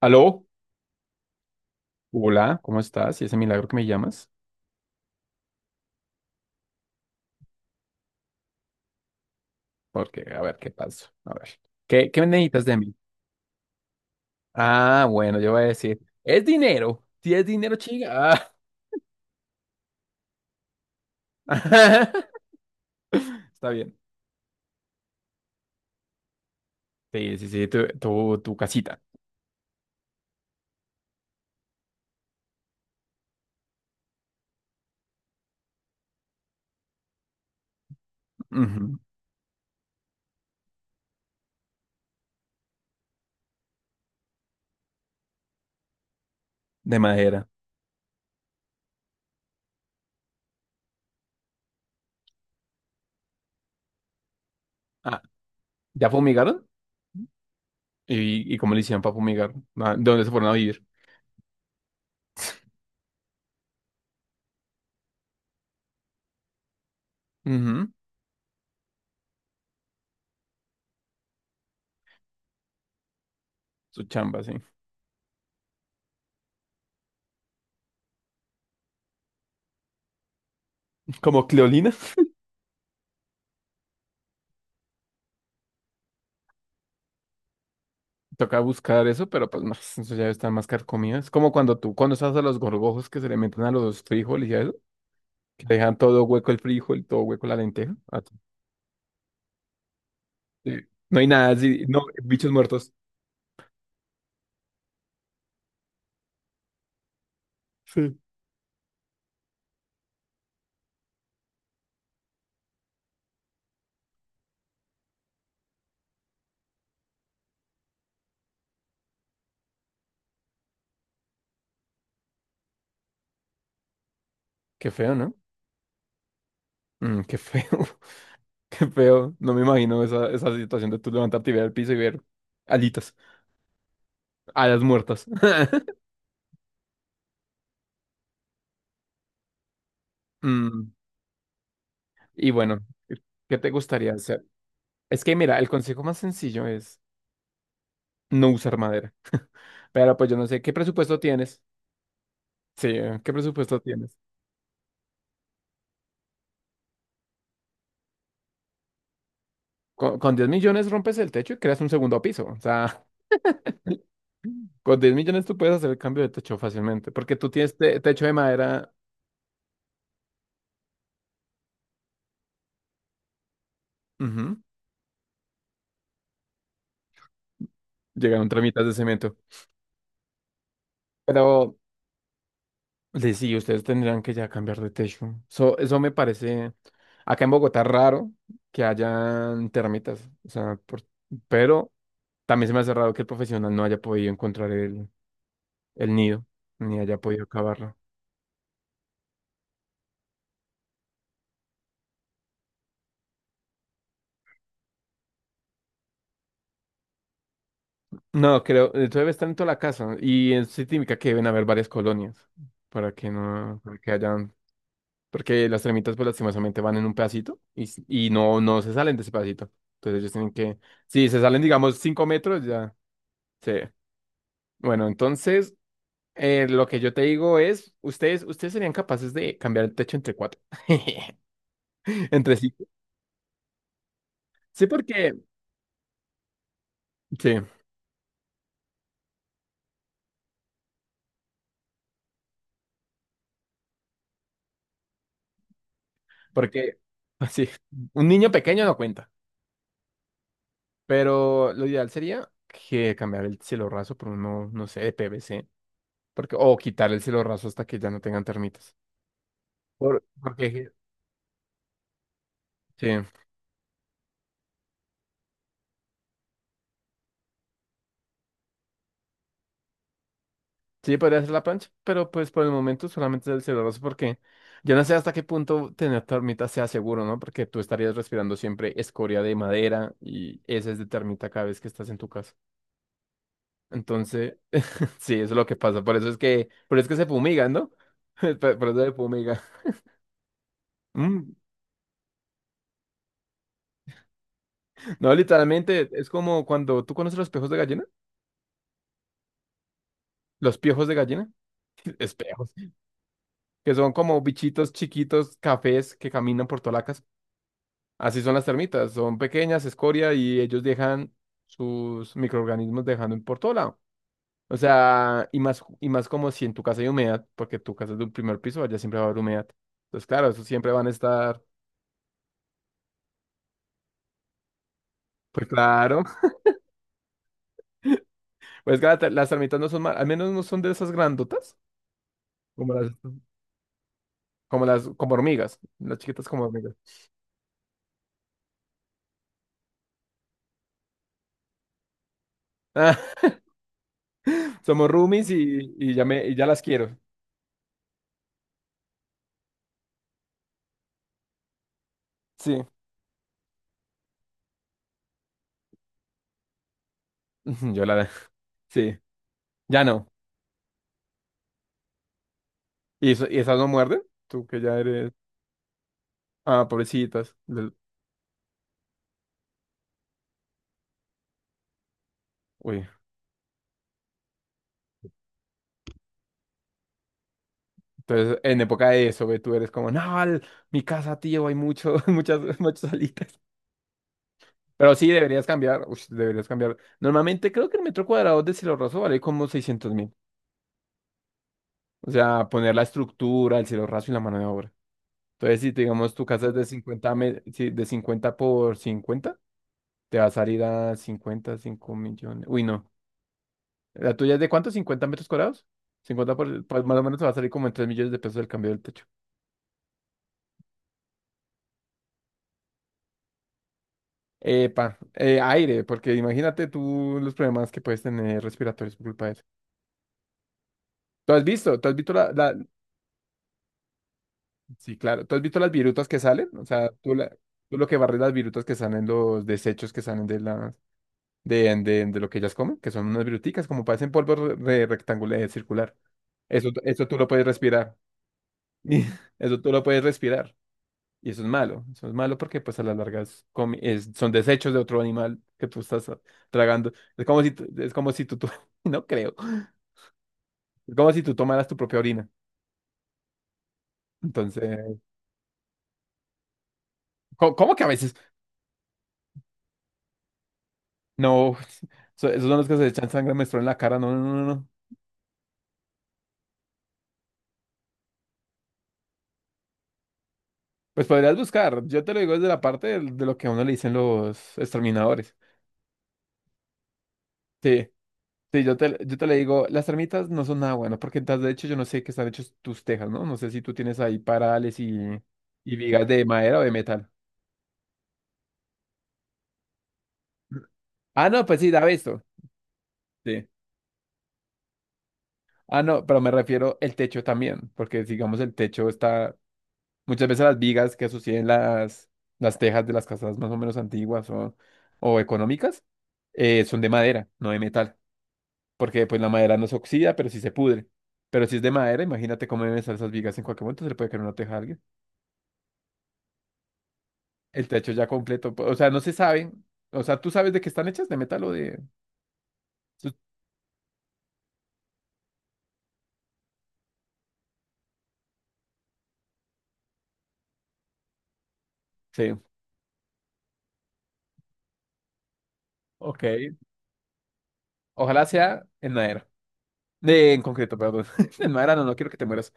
Aló, hola, ¿cómo estás? Y ese milagro que me llamas, porque a ver qué pasa. A ver, ¿qué necesitas de mí? Ah, bueno, yo voy a decir, es dinero. Si es dinero, chica. Ah. Está bien. Sí, sí, sí, tu casita. Ujú. De madera. Ah, ¿ya fumigaron? ¿Y cómo le hicieron para fumigar? Ah, ¿De dónde se fueron a vivir? Ujú. Su chamba, sí. Como Cleolina. Toca buscar eso, pero pues no, eso ya están más carcomido. Es como cuando tú, cuando estás a los gorgojos que se le meten a los frijoles y a eso. Que le dejan todo hueco el frijol, todo hueco la lenteja. Ah, sí. No hay nada así, no, bichos muertos. Sí. Qué feo, ¿no? Qué feo, qué feo. No me imagino esa situación de tú levantarte y ver al piso y ver alitas, alas muertas. Mm, y bueno, ¿qué te gustaría hacer? Es que mira, el consejo más sencillo es no usar madera. Pero pues yo no sé, ¿qué presupuesto tienes? Sí, ¿qué presupuesto tienes? Con 10 millones rompes el techo y creas un segundo piso. O sea, con 10 millones tú puedes hacer el cambio de techo fácilmente, porque tú tienes techo de madera. Ujú. Llegaron tramitas de cemento. Pero de sí, ustedes tendrían que ya cambiar de techo. Eso me parece acá en Bogotá raro que hayan termitas. O sea, pero también se me hace raro que el profesional no haya podido encontrar el nido, ni haya podido cavarlo. No, creo, eso debe estar en toda la casa. Y es sí típica que deben haber varias colonias para que no, para que haya. Porque las tremitas, pues lastimosamente van en un pedacito y, y no, no se salen de ese pedacito. Entonces ellos tienen que, si se salen, digamos, 5 metros, ya se. Bueno, entonces, lo que yo te digo es, ustedes serían capaces de cambiar el techo entre cuatro. Entre sí. Sí, porque, sí, porque, así, un niño pequeño no cuenta. Pero lo ideal sería que cambiar el cielo raso por uno, no sé, de PVC. Porque, o quitar el cielo raso hasta que ya no tengan termitas. Porque, sí. Sí, podría ser la plancha, pero pues por el momento solamente es el celuloso porque yo no sé hasta qué punto tener termita sea seguro, ¿no? Porque tú estarías respirando siempre escoria de madera y heces de termita cada vez que estás en tu casa. Entonces, sí, eso es lo que pasa. Por eso es que se fumigan, ¿no? Por eso se fumiga. Mm. No, literalmente es como cuando tú conoces los piojos de gallina, los piojos de gallina, espejos, que son como bichitos chiquitos, cafés que caminan por toda la casa. Así son las termitas, son pequeñas, escoria, y ellos dejan sus microorganismos dejando por todo lado. O sea, y más como si en tu casa hay humedad, porque tu casa es de un primer piso, allá siempre va a haber humedad. Entonces, claro, eso siempre van a estar. Pues claro, pues claro, las termitas no son mal, al menos no son de esas grandotas, como las, como las, como hormigas, las chiquitas como hormigas. Ah, somos roomies y ya las quiero. Sí, yo la, sí, ya no. ¿Y esas no muerden? Tú que ya eres. Ah, pobrecitas. Lol. Uy. Entonces, en época de eso, ve, tú eres como, no, mi casa, tío, hay mucho, muchas, muchas alitas. Pero sí, deberías cambiar. Deberías cambiar. Normalmente creo que el metro cuadrado de cielo raso vale como 600.000. O sea, poner la estructura, el cielo raso y la mano de obra. Entonces, si digamos tu casa es de 50 sí, de 50 por 50, te va a salir a 55 millones. Uy, no. ¿La tuya es de cuánto? ¿50 metros cuadrados? Cincuenta por, pues más o menos te va a salir como en 3 millones de pesos el cambio del techo. Epa, aire, porque imagínate tú los problemas que puedes tener respiratorios por culpa de eso. ¿Tú has visto? ¿Tú has visto? Sí, claro. ¿Tú has visto las virutas que salen? O sea, tú lo que barres las virutas que salen, los desechos que salen de las de, lo que ellas comen, que son unas viruticas, como parecen polvo rectangular, circular. Eso tú lo puedes respirar. Eso tú lo puedes respirar. Y eso es malo. Eso es malo porque pues a la larga son desechos de otro animal que tú estás tragando. Es como si, es como si tú. No creo. Es como si tú tomaras tu propia orina. Entonces, ¿cómo que a veces? No, esos son los que se echan sangre menstrual en la cara. No, no, no, no. No. Pues podrías buscar. Yo te lo digo desde la parte de, lo que a uno le dicen los exterminadores. Sí, sí, yo te, le digo, las termitas no son nada bueno, porque entonces, de hecho yo no sé qué están hechos tus tejas, ¿no? No sé si tú tienes ahí parales y vigas de madera o de metal. Ah, no, pues sí, daba esto. Sí. Ah, no, pero me refiero el techo también, porque digamos el techo está. Muchas veces las vigas que asocian las tejas de las casas más o menos antiguas o económicas, son de madera, no de metal, porque pues la madera no se oxida, pero sí se pudre. Pero si es de madera, imagínate cómo deben estar esas vigas, en cualquier momento se le puede caer una teja a alguien. El techo ya completo, o sea, no se sabe, o sea, tú sabes de qué están hechas, de metal o de... su- Sí, ok. Ojalá sea en madera. En concreto, perdón. En madera no, no quiero que te mueras.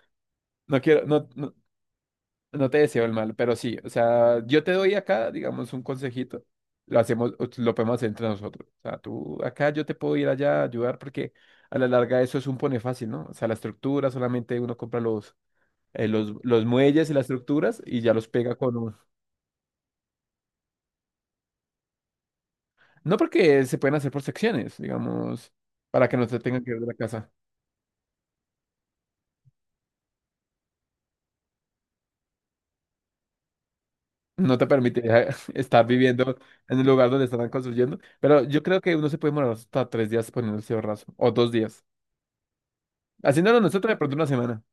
No quiero, no, no. No te deseo el mal, pero sí, o sea, yo te doy acá, digamos, un consejito. Lo hacemos, lo podemos hacer entre nosotros. O sea, tú acá, yo te puedo ir allá a ayudar porque a la larga eso es un pone fácil, ¿no? O sea, la estructura, solamente uno compra los muelles y las estructuras y ya los pega con un... No porque se pueden hacer por secciones, digamos, para que no se tengan que ir de la casa. No te permite estar viviendo en el lugar donde están construyendo, pero yo creo que uno se puede morar hasta 3 días poniendo ese raso, o 2 días. Haciéndolo nosotros, de pronto una semana.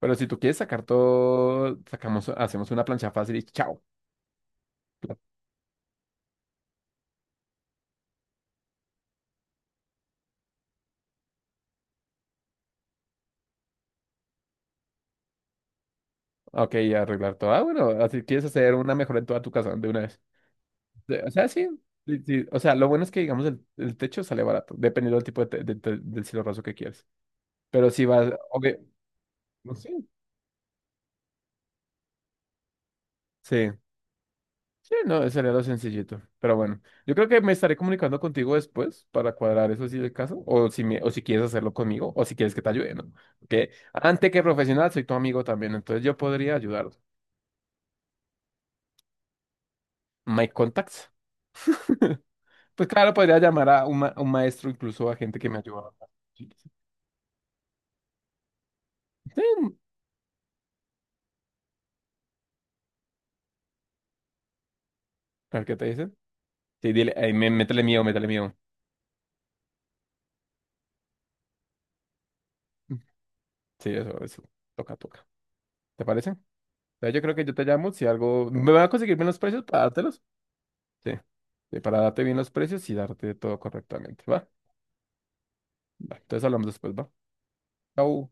Pero si tú quieres sacar todo, sacamos, hacemos una plancha fácil y chao. pla- Ok, y arreglar todo. Ah, bueno, así quieres hacer una mejora en toda tu casa de una vez. O sea, sí. Sí, sí, o sea, lo bueno es que, digamos, el techo sale barato, dependiendo del tipo del cielo raso que quieres. Pero si vas, obvio, no sé. Sí. Sí, no, sería lo sencillito. Pero bueno, yo creo que me estaré comunicando contigo después para cuadrar eso si es el caso, o si quieres hacerlo conmigo, o si quieres que te ayude, ¿no? Porque antes que profesional soy tu amigo también, entonces yo podría ayudar. My contacts. Pues claro, podría llamar a un maestro, incluso a gente que me ayuda. Sí, a qué te dicen. Sí, dile, "Ey, métele miedo, métele miedo". Sí, eso, eso. Toca, toca. ¿Te parece? Ya, yo creo que yo te llamo si algo. Me van a conseguir menos precios para dártelos. Sí, sí, para darte bien los precios y darte todo correctamente, ¿va? Va, entonces hablamos después, ¿va? Chau.